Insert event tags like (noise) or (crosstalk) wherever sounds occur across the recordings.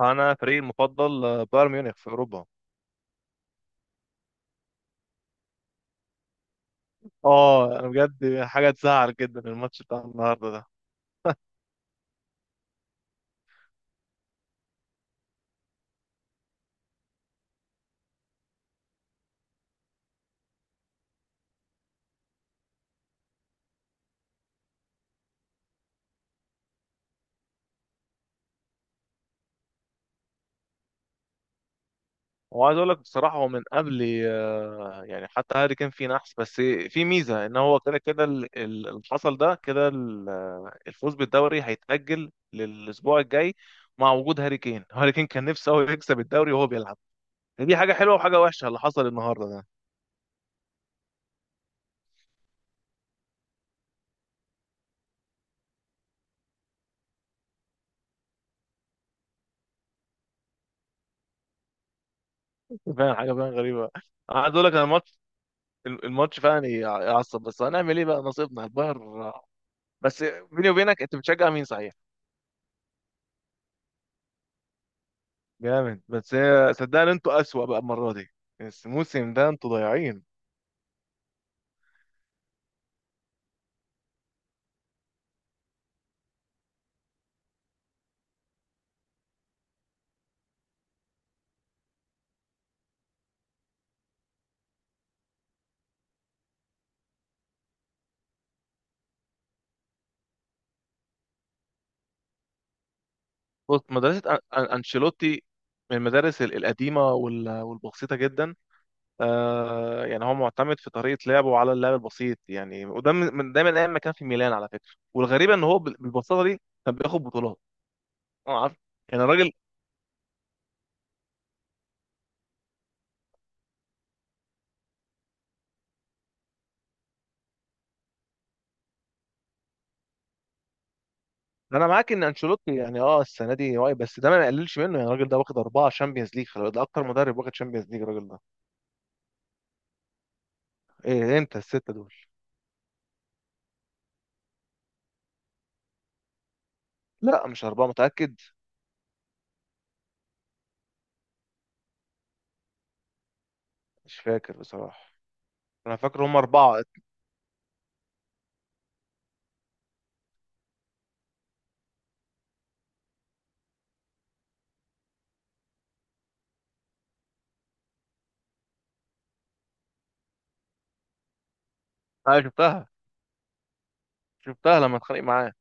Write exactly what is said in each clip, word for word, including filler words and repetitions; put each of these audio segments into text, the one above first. انا فريقي المفضل آه، بايرن ميونخ في اوروبا. اه انا بجد حاجه تزعل جدا الماتش بتاع النهارده ده. وعايز اقول لك بصراحه هو من قبل آه، يعني حتى هاري كان فيه نحس. بس في ميزه ان هو كده كده ال- ال- اللي حصل ده كده ال- آه، الفوز بالدوري هيتاجل للاسبوع الجاي مع وجود هاري كين. هاري كين كان نفسه هو يكسب الدوري وهو بيلعب. دي حاجه حلوه وحاجه وحشه اللي حصل النهارده ده. (laughs) فعلا حاجه فعلا غريبه. عايز اقول لك انا الماتش، الماتش فعلا يعصب، بس هنعمل ايه بقى، نصيبنا البايرن. بس بيني وبينك انت بتشجع مين صحيح؟ جامد. بس هي- صدقني انتوا اسوأ بقى المره دي، الموسم ده انتوا ضايعين. بص مدرسه أن- أن- انشيلوتي من المدارس ال- القديمه وال- والبسيطه جدا. آه يعني هو معتمد في طريقه لعبه على اللعب البسيط يعني، وده من من- ده من ايام ما كان في ميلان على فكره. والغريب ان هو بال- بالبساطه دي كان بياخد بطولات. انا عارف. يعني الراجل، انا معاك ان انشيلوتي يعني اه السنه دي واقع، بس ده ما يقللش منه. يعني الراجل ده واخد اربعه شامبيونز ليج، ده اكتر مدرب واخد شامبيونز ليج الراجل ده. ايه؟ امتى الستة دول؟ لا مش أربعة، متأكد. مش فاكر بصراحة. أنا فاكر هم أربعة. أنا شفتها، شفتها لما اتخانق معاه.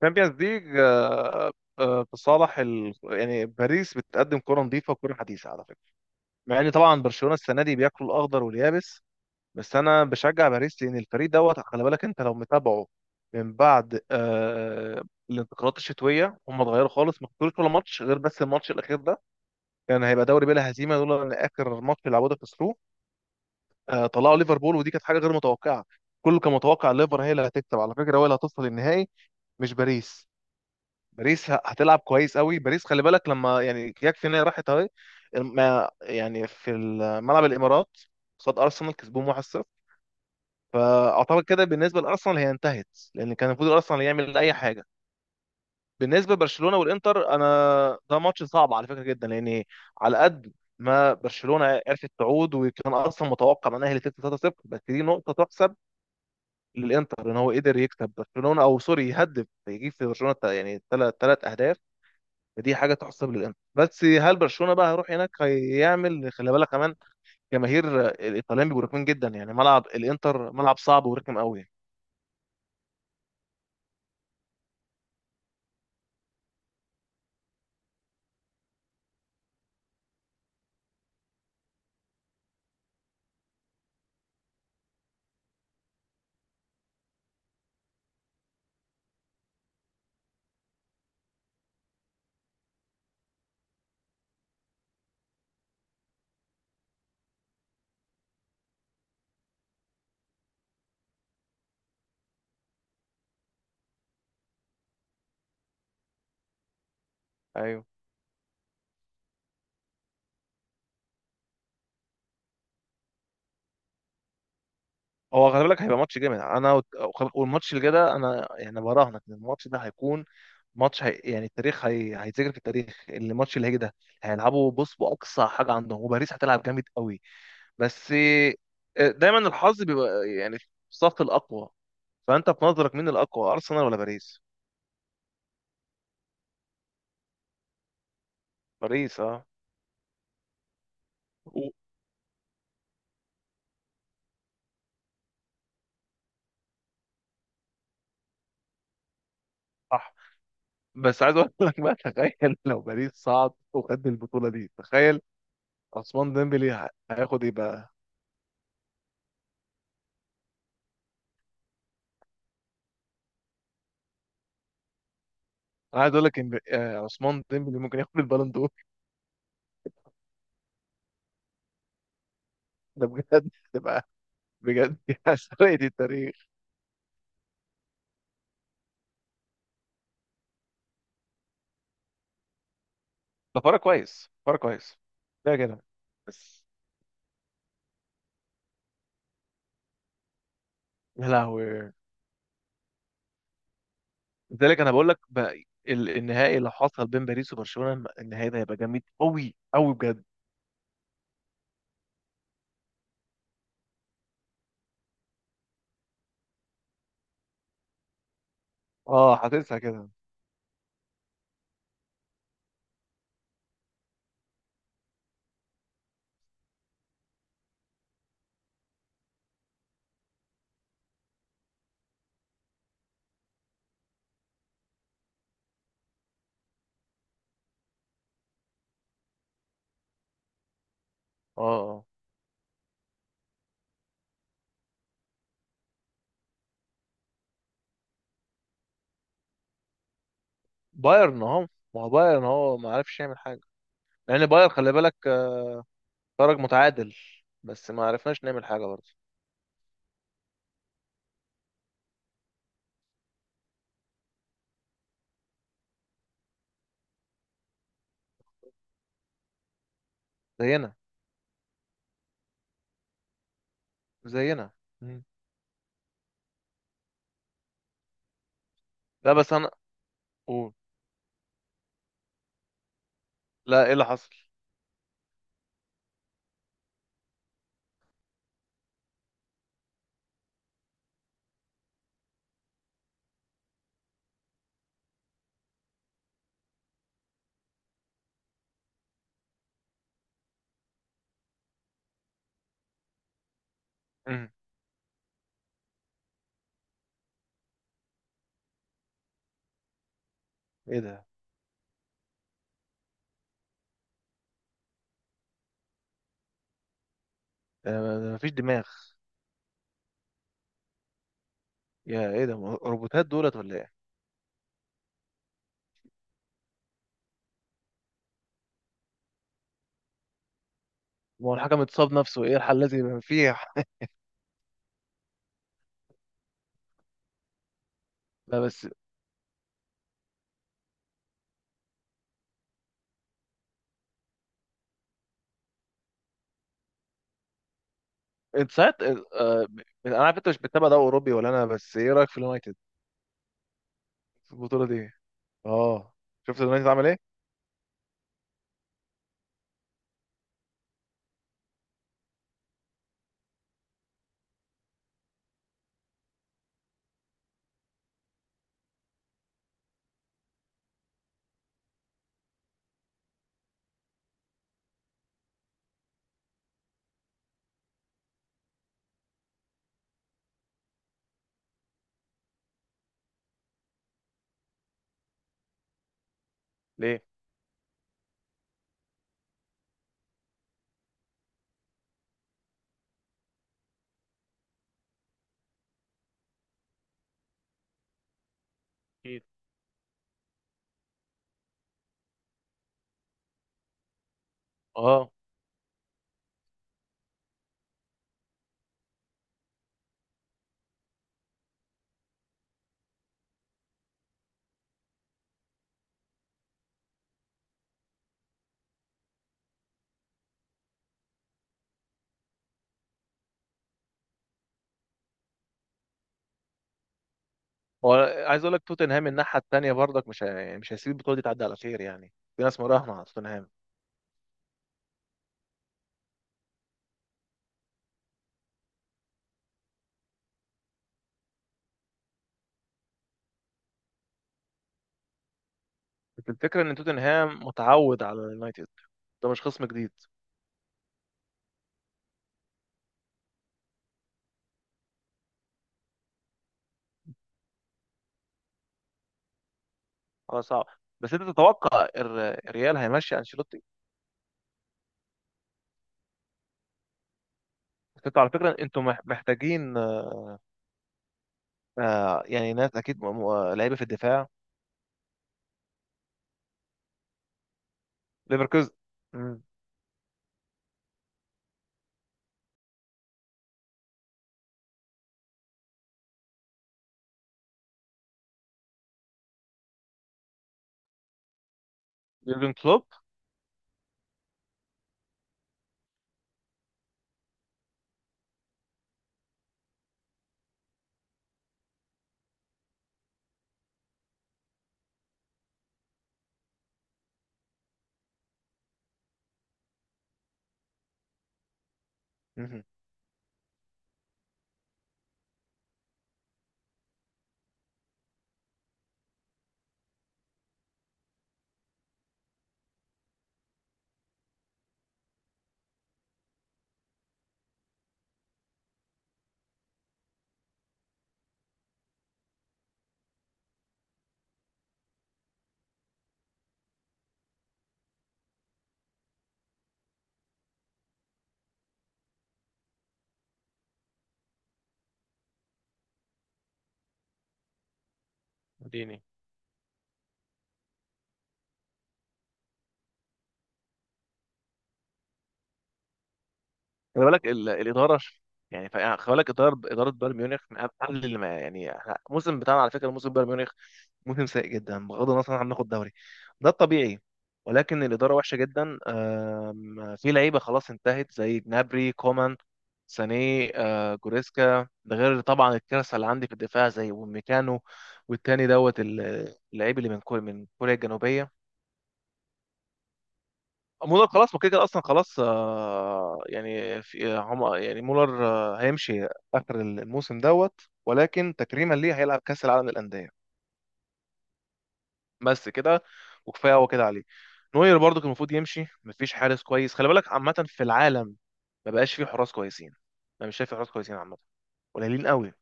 تشامبيونز ليج، آه، آه، في صالح ال... يعني باريس بتقدم كرة نظيفة وكرة حديثة على فكرة. مع ان طبعا برشلونة السنة دي بياكلوا الأخضر واليابس. بس أنا بشجع باريس لأن الفريق دوت. خلي بالك أنت لو متابعه من بعد آه الانتقالات الشتوية، هم اتغيروا خالص، ما خسروش ولا ماتش غير بس الماتش الأخير ده. كان يعني هيبقى دوري بلا هزيمة لولا إن آخر ماتش لعبوه ده خسروه. آه، طلعوا ليفربول، ودي كانت حاجه غير متوقعه. كله كان متوقع الليفر هي اللي هتكسب على فكره، هو اللي هتوصل للنهائي، مش باريس. باريس ه- هتلعب كويس قوي. باريس خلي بالك لما يعني يكفي ان هي راحت اهي الم- يعني في ال- ملعب الامارات قصاد ارسنال كسبوهم واحد صفر. فاعتقد كده بالنسبه لارسنال هي انتهت، لان كان المفروض ارسنال يعمل اي حاجه. بالنسبه لبرشلونه والانتر، انا ده ماتش صعب على فكره جدا، لان على قد ما برشلونه عرفت تعود وكان اصلا متوقع انها هي اللي تكسب ثلاثه صفر، بس دي نقطه تحسب للانتر ان هو قدر يكسب برشلونه، او سوري يهدف يجيب في برشلونه تا- يعني ثلاث ثلاث اهداف. فدي حاجه تحسب للانتر. بس هل برشلونه بقى هيروح هناك هيعمل، خلي بالك كمان جماهير الايطاليين بيبقوا رخمين جدا. يعني ملعب الانتر ملعب صعب ورخم قوي. ايوه. هو خلي بالك هيبقى ماتش جامد انا وت- وخ- والماتش اللي جاي ده انا يعني براهنك ان الماتش ده هيكون ماتش هي يعني التاريخ هي... هيتذكر في التاريخ الماتش اللي هيجي ده. هيلعبوا بص باقصى حاجه عندهم، وباريس هتلعب جامد قوي. بس آه، دايما الحظ بيبقى يعني في صف الأقوى. فأنت في نظرك مين الأقوى، أرسنال ولا باريس؟ باريس أه. و- صح. بس عايز أقول لك بقى، تخيل (laughs) لو باريس صعد وخد البطولة دي، تخيل عثمان ديمبلي ه- هياخد إيه بقى؟ أنا عايز أقول لك إن ب- آه، عثمان ديمبلي ممكن ياخد البالون دور. (laughs) ده بجد تبقى بجد (laughs) يا سرقة التاريخ. ده فرق كويس، فرق كويس. ده كده بس. يا لهوي. لذلك انا بقول لك بقى ال- النهائي لو حصل بين باريس وبرشلونه، النهائي ده هيبقى جامد قوي قوي بجد. اه هتنسى كده. اه آه. بايرن اهو. ما هو بايرن هو ما عرفش يعمل حاجه. لان بايرن خلي بالك آه، خرج متعادل، بس ما عرفناش نعمل حاجه برضه. زينا، زينا. مم. لا بس انا. قول. لا ايه اللي حصل؟ مم. ايه ده؟ آه، ما فيش دماغ. يا ايه ده؟ روبوتات دولت ولا ايه؟ ما هو الحكم اتصاب نفسه، ايه الحل الذي يبقى فيه؟ (laughs) لا بس انت ساعات آه، انا عارف انت مش بتتابع ده اوروبي ولا انا، بس ايه رايك في اليونايتد في البطوله دي؟ اه. شفت اليونايتد عمل ايه؟ ليه؟ اكيد. اه. هو عايز اقول لك توتنهام الناحيه التانيه برضك مش هي- مش هيسيب البطوله دي تعدي على خير. يعني في ناس مراهنه على توتنهام. بس الفكره ان توتنهام متعود على اليونايتد، ده مش خصم جديد. خلاص صعب. بس انت تتوقع الر- الريال هيمشي انشيلوتي؟ بس انتوا على فكره انتوا مح- محتاجين آه يعني ناس اكيد م- م- لعيبه في الدفاع. ليفركوزن. مم. يورجن كلوب. اديني. خلي بالك ال- الاداره ش- يعني ف- يعني خلي بالك اداره، اداره بايرن ميونخ من اقل اللي ما يعني إحنا- الموسم بتاعنا على فكره، موسم بايرن ميونخ موسم سيء جدا بغض النظر عن هناخد دوري، ده الطبيعي. ولكن الاداره وحشه جدا. آم، في لعيبه خلاص انتهت زي جنابري، كومان، ساني، آه، جوريسكا، ده غير طبعا الكارثه اللي عندي في الدفاع زي وميكانو والتاني دوت ال- اللعيب اللي من كوريا، من كوريا الجنوبيه. مولر خلاص ما كده كده اصلا خلاص. آه، يعني في آه، هم يعني مولر آه، هيمشي اخر الموسم دوت، ولكن تكريما ليه هيلعب كاس العالم للانديه. بس كده، وكفايه هو كده عليه. نوير برضو كان المفروض يمشي، مفيش حارس كويس خلي بالك عامه في العالم. ما بقاش فيه حراس كويسين. انا مش شايف في حراس كويسين عامه، قليلين قوي.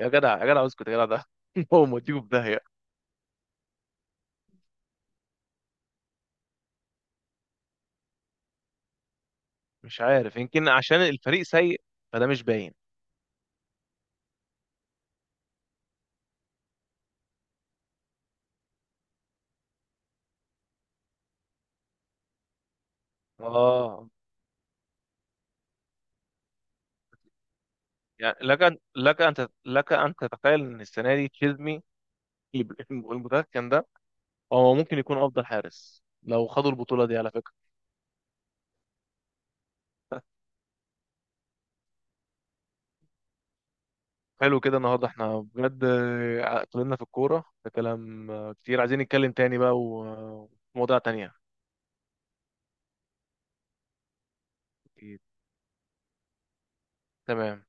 يا جدع يا جدع اسكت يا جدع ده (laughs) هو موديكوا في داهيه. مش عارف يمكن عشان الفريق سيء، فده مش باين. اه يعني لك أن، لك أن تت- لك أن تتخيل إن السنة دي تشيزني الب- المتمكن ده هو ممكن يكون أفضل حارس لو خدوا البطولة دي على فكرة. حلو كده النهاردة احنا بجد آه، اتكلمنا في الكورة ده كلام آه، كتير، عايزين نتكلم تاني بقى ومواضيع تانية. تمام.